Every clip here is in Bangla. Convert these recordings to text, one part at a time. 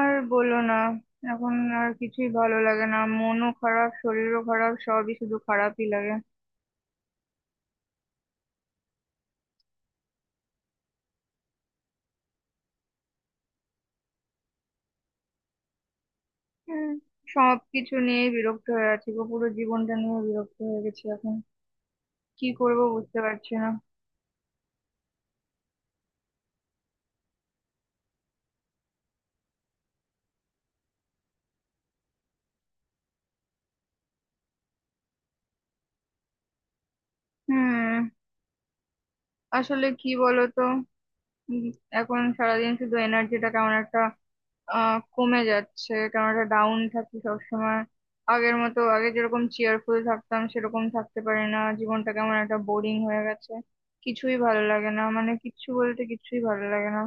আর বলো না। এখন আর কিছুই ভালো লাগে না, মনও খারাপ, শরীরও খারাপ, সবই শুধু খারাপই লাগে। হুম। সব কিছু নিয়ে বিরক্ত হয়ে আছি গো, পুরো জীবনটা নিয়ে বিরক্ত হয়ে গেছি এখন। কি করব বুঝতে পারছি না। হুম। আসলে কি বলো তো, উম, এখন সারাদিন শুধু এনার্জিটা কেমন একটা কমে যাচ্ছে, কারণ একটা ডাউন থাকি সবসময়। আগের মতো, আগে যেরকম চেয়ারফুল থাকতাম সেরকম থাকতে পারি না, জীবনটা কেমন একটা বোরিং হয়ে গেছে। কিছুই ভালো লাগে না, মানে কিচ্ছু বলতে কিচ্ছুই ভালো লাগে না।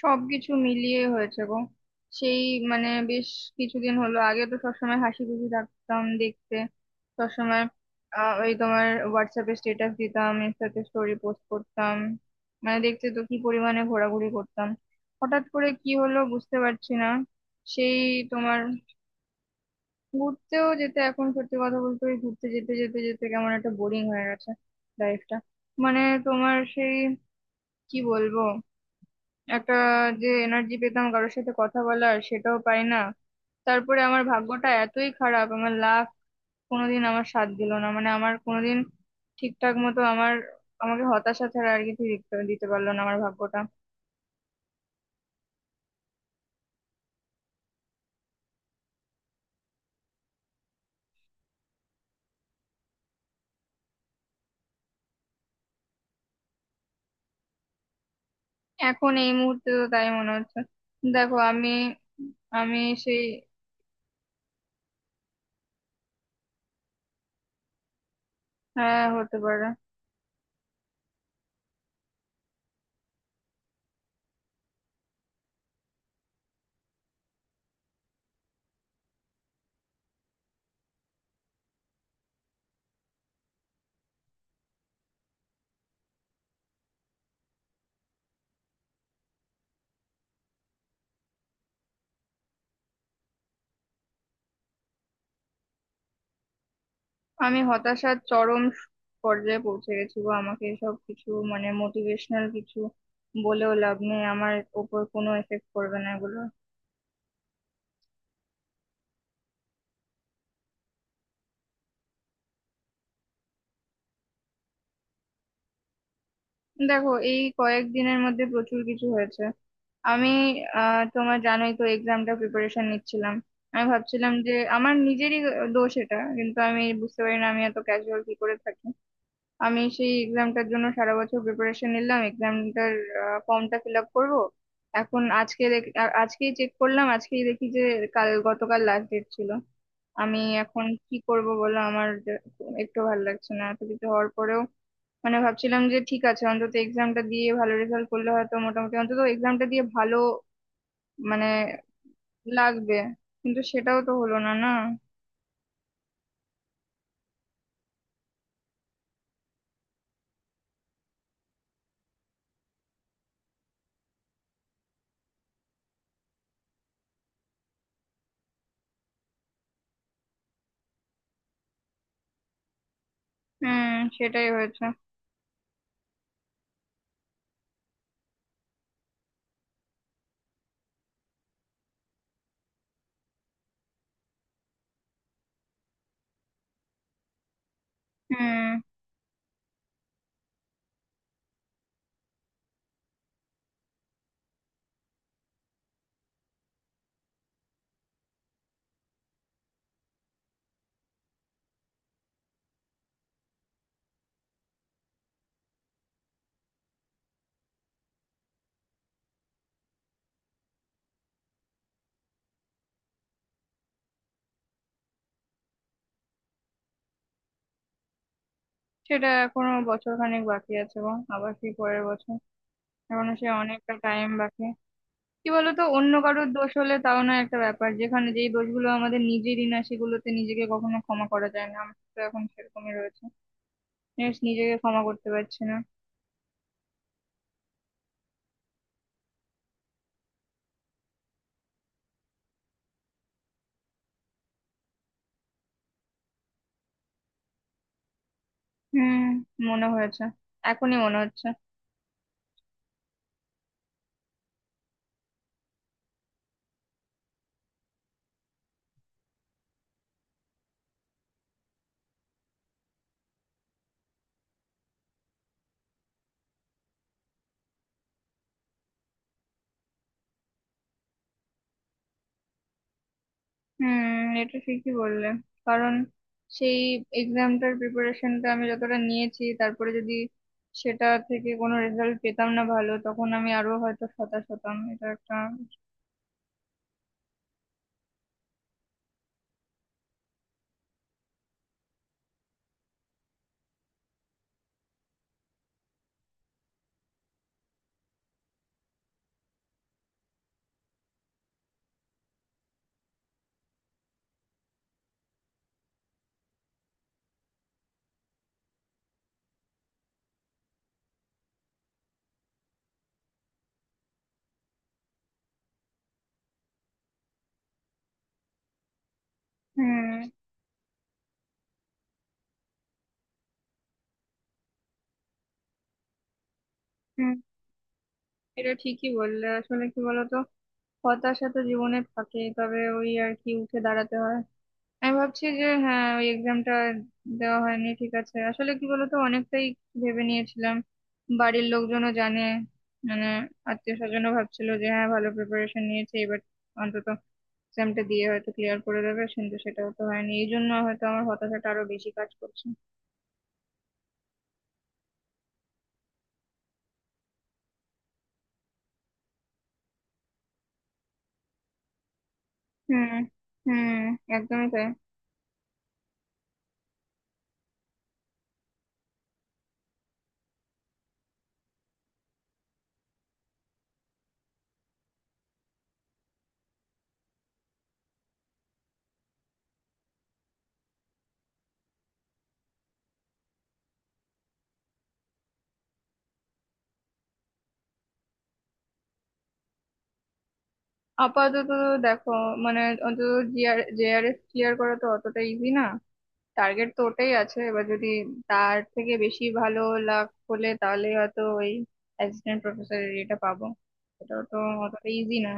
সবকিছু মিলিয়ে হয়েছে গো। সেই মানে বেশ কিছুদিন হলো, আগে তো সবসময় হাসি খুশি থাকতাম দেখতে, সবসময়। ওই তোমার হোয়াটসঅ্যাপে স্ট্যাটাস দিতাম, ইনস্টাতে স্টোরি পোস্ট করতাম। মানে দেখতে তো কি পরিমাণে ঘোরাঘুরি করতাম। হঠাৎ করে কি হলো বুঝতে পারছি না। সেই তোমার ঘুরতেও যেতে, এখন সত্যি কথা বলতে ওই ঘুরতে যেতে যেতে যেতে কেমন একটা বোরিং হয়ে গেছে লাইফটা। মানে তোমার সেই কি বলবো, একটা যে এনার্জি পেতাম কারোর সাথে কথা বলার সেটাও পাই না। তারপরে আমার ভাগ্যটা এতই খারাপ, আমার লাক কোনোদিন আমার সাথ দিল না, মানে আমার কোনোদিন ঠিকঠাক মতো আমার, আমাকে হতাশা ছাড়া আর কিছু দিতে দিতে পারলো না আমার ভাগ্যটা। এখন এই মুহূর্তে তো তাই মনে হচ্ছে। দেখো, আমি আমি সেই, হ্যাঁ হতে পারে। আমি হতাশার চরম পর্যায়ে পৌঁছে গেছি গো, আমাকে এসব কিছু, মানে মোটিভেশনাল কিছু বলেও লাভ নেই, আমার ওপর কোনো এফেক্ট করবে না এগুলো। দেখো, এই কয়েকদিনের মধ্যে প্রচুর কিছু হয়েছে। আমি তোমার জানোই তো এক্সামটা প্রিপারেশন নিচ্ছিলাম। আমি ভাবছিলাম যে আমার নিজেরই দোষ এটা, কিন্তু আমি বুঝতে পারি না আমি এত ক্যাজুয়াল কি করে থাকি। আমি সেই এক্সামটার জন্য সারা বছর প্রিপারেশন নিলাম, এক্সামটার ফর্মটা ফিল আপ করবো। এখন আজকেই চেক করলাম, আজকেই দেখি যে কাল গতকাল লাস্ট ডেট ছিল। আমি এখন কি করব বলো, একটু ভালো লাগছে না এত কিছু হওয়ার পরেও। মানে ভাবছিলাম যে ঠিক আছে, অন্তত এক্সামটা দিয়ে ভালো রেজাল্ট করলে হয়তো মোটামুটি, অন্তত এক্সামটা দিয়ে ভালো মানে লাগবে। কিন্তু সেটাও তো হলো না, না। হুম, সেটাই হয়েছে। হুম। সেটা এখনো বছর খানেক বাকি আছে গো, আবার কি পরের বছর। এখনো সে অনেকটা টাইম বাকি। কি বলতো, অন্য কারোর দোষ হলে তাও না একটা ব্যাপার, যেখানে যেই দোষগুলো আমাদের নিজেরই না সেগুলোতে নিজেকে কখনো ক্ষমা করা যায় না, আমার তো এখন সেরকমই রয়েছে। জানিস, নিজেকে ক্ষমা করতে পারছি না। হুম, মনে হয়েছে, এখনই মনে হচ্ছে। হুম, এটা ঠিকই বললে। কারণ সেই এক্সামটার প্রিপারেশনটা আমি যতটা নিয়েছি, তারপরে যদি সেটা থেকে কোনো রেজাল্ট পেতাম না ভালো, তখন আমি আরো হয়তো হতাশ হতাম, এটা একটা। হুম, হুম, এটা ঠিকই বললে। আসলে কি বলতো, হতাশা তো জীবনে থাকেই, তবে ওই আর কি উঠে দাঁড়াতে হয়। আমি ভাবছি যে হ্যাঁ, ওই এক্সামটা দেওয়া হয়নি ঠিক আছে, আসলে কি বলতো অনেকটাই ভেবে নিয়েছিলাম। বাড়ির লোকজনও জানে, মানে আত্মীয় স্বজনও ভাবছিল যে হ্যাঁ, ভালো প্রিপারেশন নিয়েছে এবার, অন্তত এক্সামটা দিয়ে হয়তো ক্লিয়ার করে দেবে। কিন্তু সেটাও তো হয়নি, এই জন্য হয়তো আমার হতাশাটা আরো বেশি কাজ করছে। হুম, হুম, একদমই তাই। আপাতত দেখো, মানে অন্তত জেআরএস ক্লিয়ার করা তো অতটা ইজি না। টার্গেট তো ওটাই আছে। এবার যদি তার থেকে বেশি ভালো লাভ হলে, তাহলে হয়তো ওই অ্যাসিস্ট্যান্ট প্রফেসরের এটা পাবো। এটাও তো অতটা ইজি না।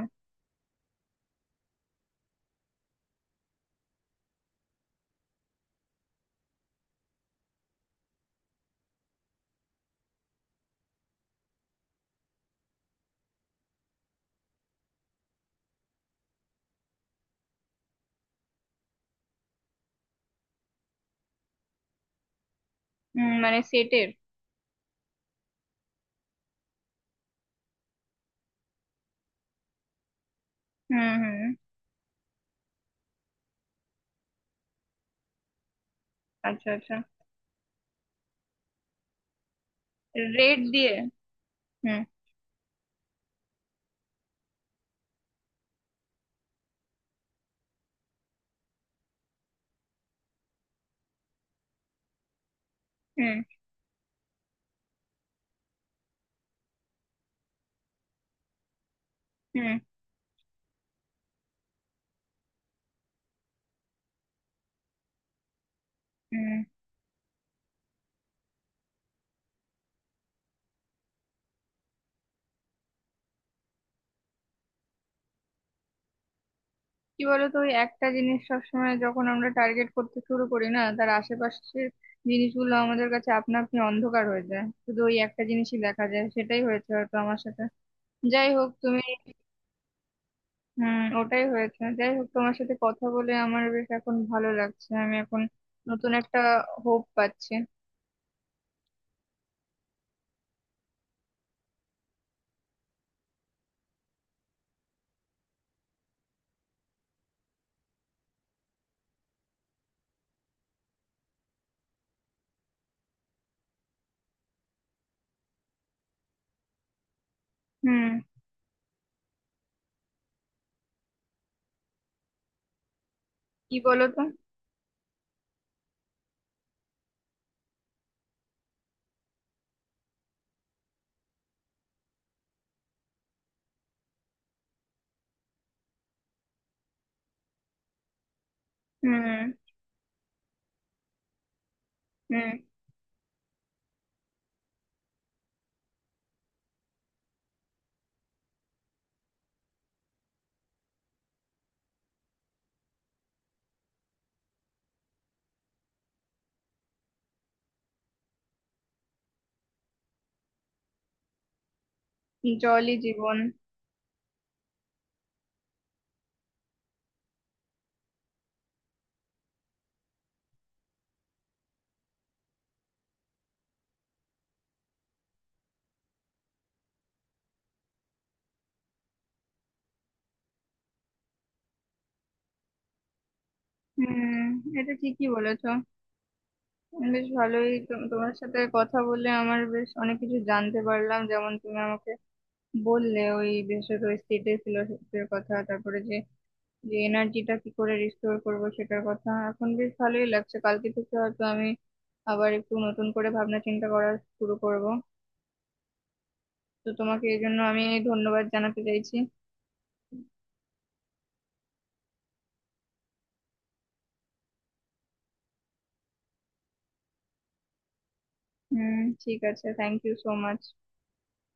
হুম, মানে সেটের। হুম, হুম, আচ্ছা, আচ্ছা। রেট দিয়ে। হুম, হুম, হুম, হুম। কি বলতো, ওই একটা জিনিস সবসময় যখন আমরা টার্গেট করতে শুরু করি না, তার আশেপাশের জিনিসগুলো আমাদের কাছে আপনা আপনি অন্ধকার হয়ে যায়, শুধু ওই একটা জিনিসই দেখা যায়, সেটাই হয়েছে হয়তো আমার সাথে। যাই হোক তুমি, হুম, ওটাই হয়েছে। যাই হোক, তোমার সাথে কথা বলে আমার বেশ এখন ভালো লাগছে, আমি এখন নতুন একটা হোপ পাচ্ছি। হুম। কি বলো তো। হুম, হুম। জলই জীবন। হুম, এটা ঠিকই বলেছো। বেশ ভালোই তোমার সাথে কথা বলে আমার বেশ অনেক কিছু জানতে পারলাম, যেমন তুমি আমাকে বললে ওই বিশেষত ওই স্টেটের ফিলোসফির কথা, তারপরে যে যে এনার্জিটা কি করে রিস্টোর করব সেটার কথা। এখন বেশ ভালোই লাগছে, কালকে থেকে হয়তো আমি আবার একটু নতুন করে ভাবনা চিন্তা করা শুরু করব। তো তোমাকে এই জন্য আমি ধন্যবাদ জানাতে চাইছি। হুম, ঠিক আছে, থ্যাংক ইউ সো মাচ।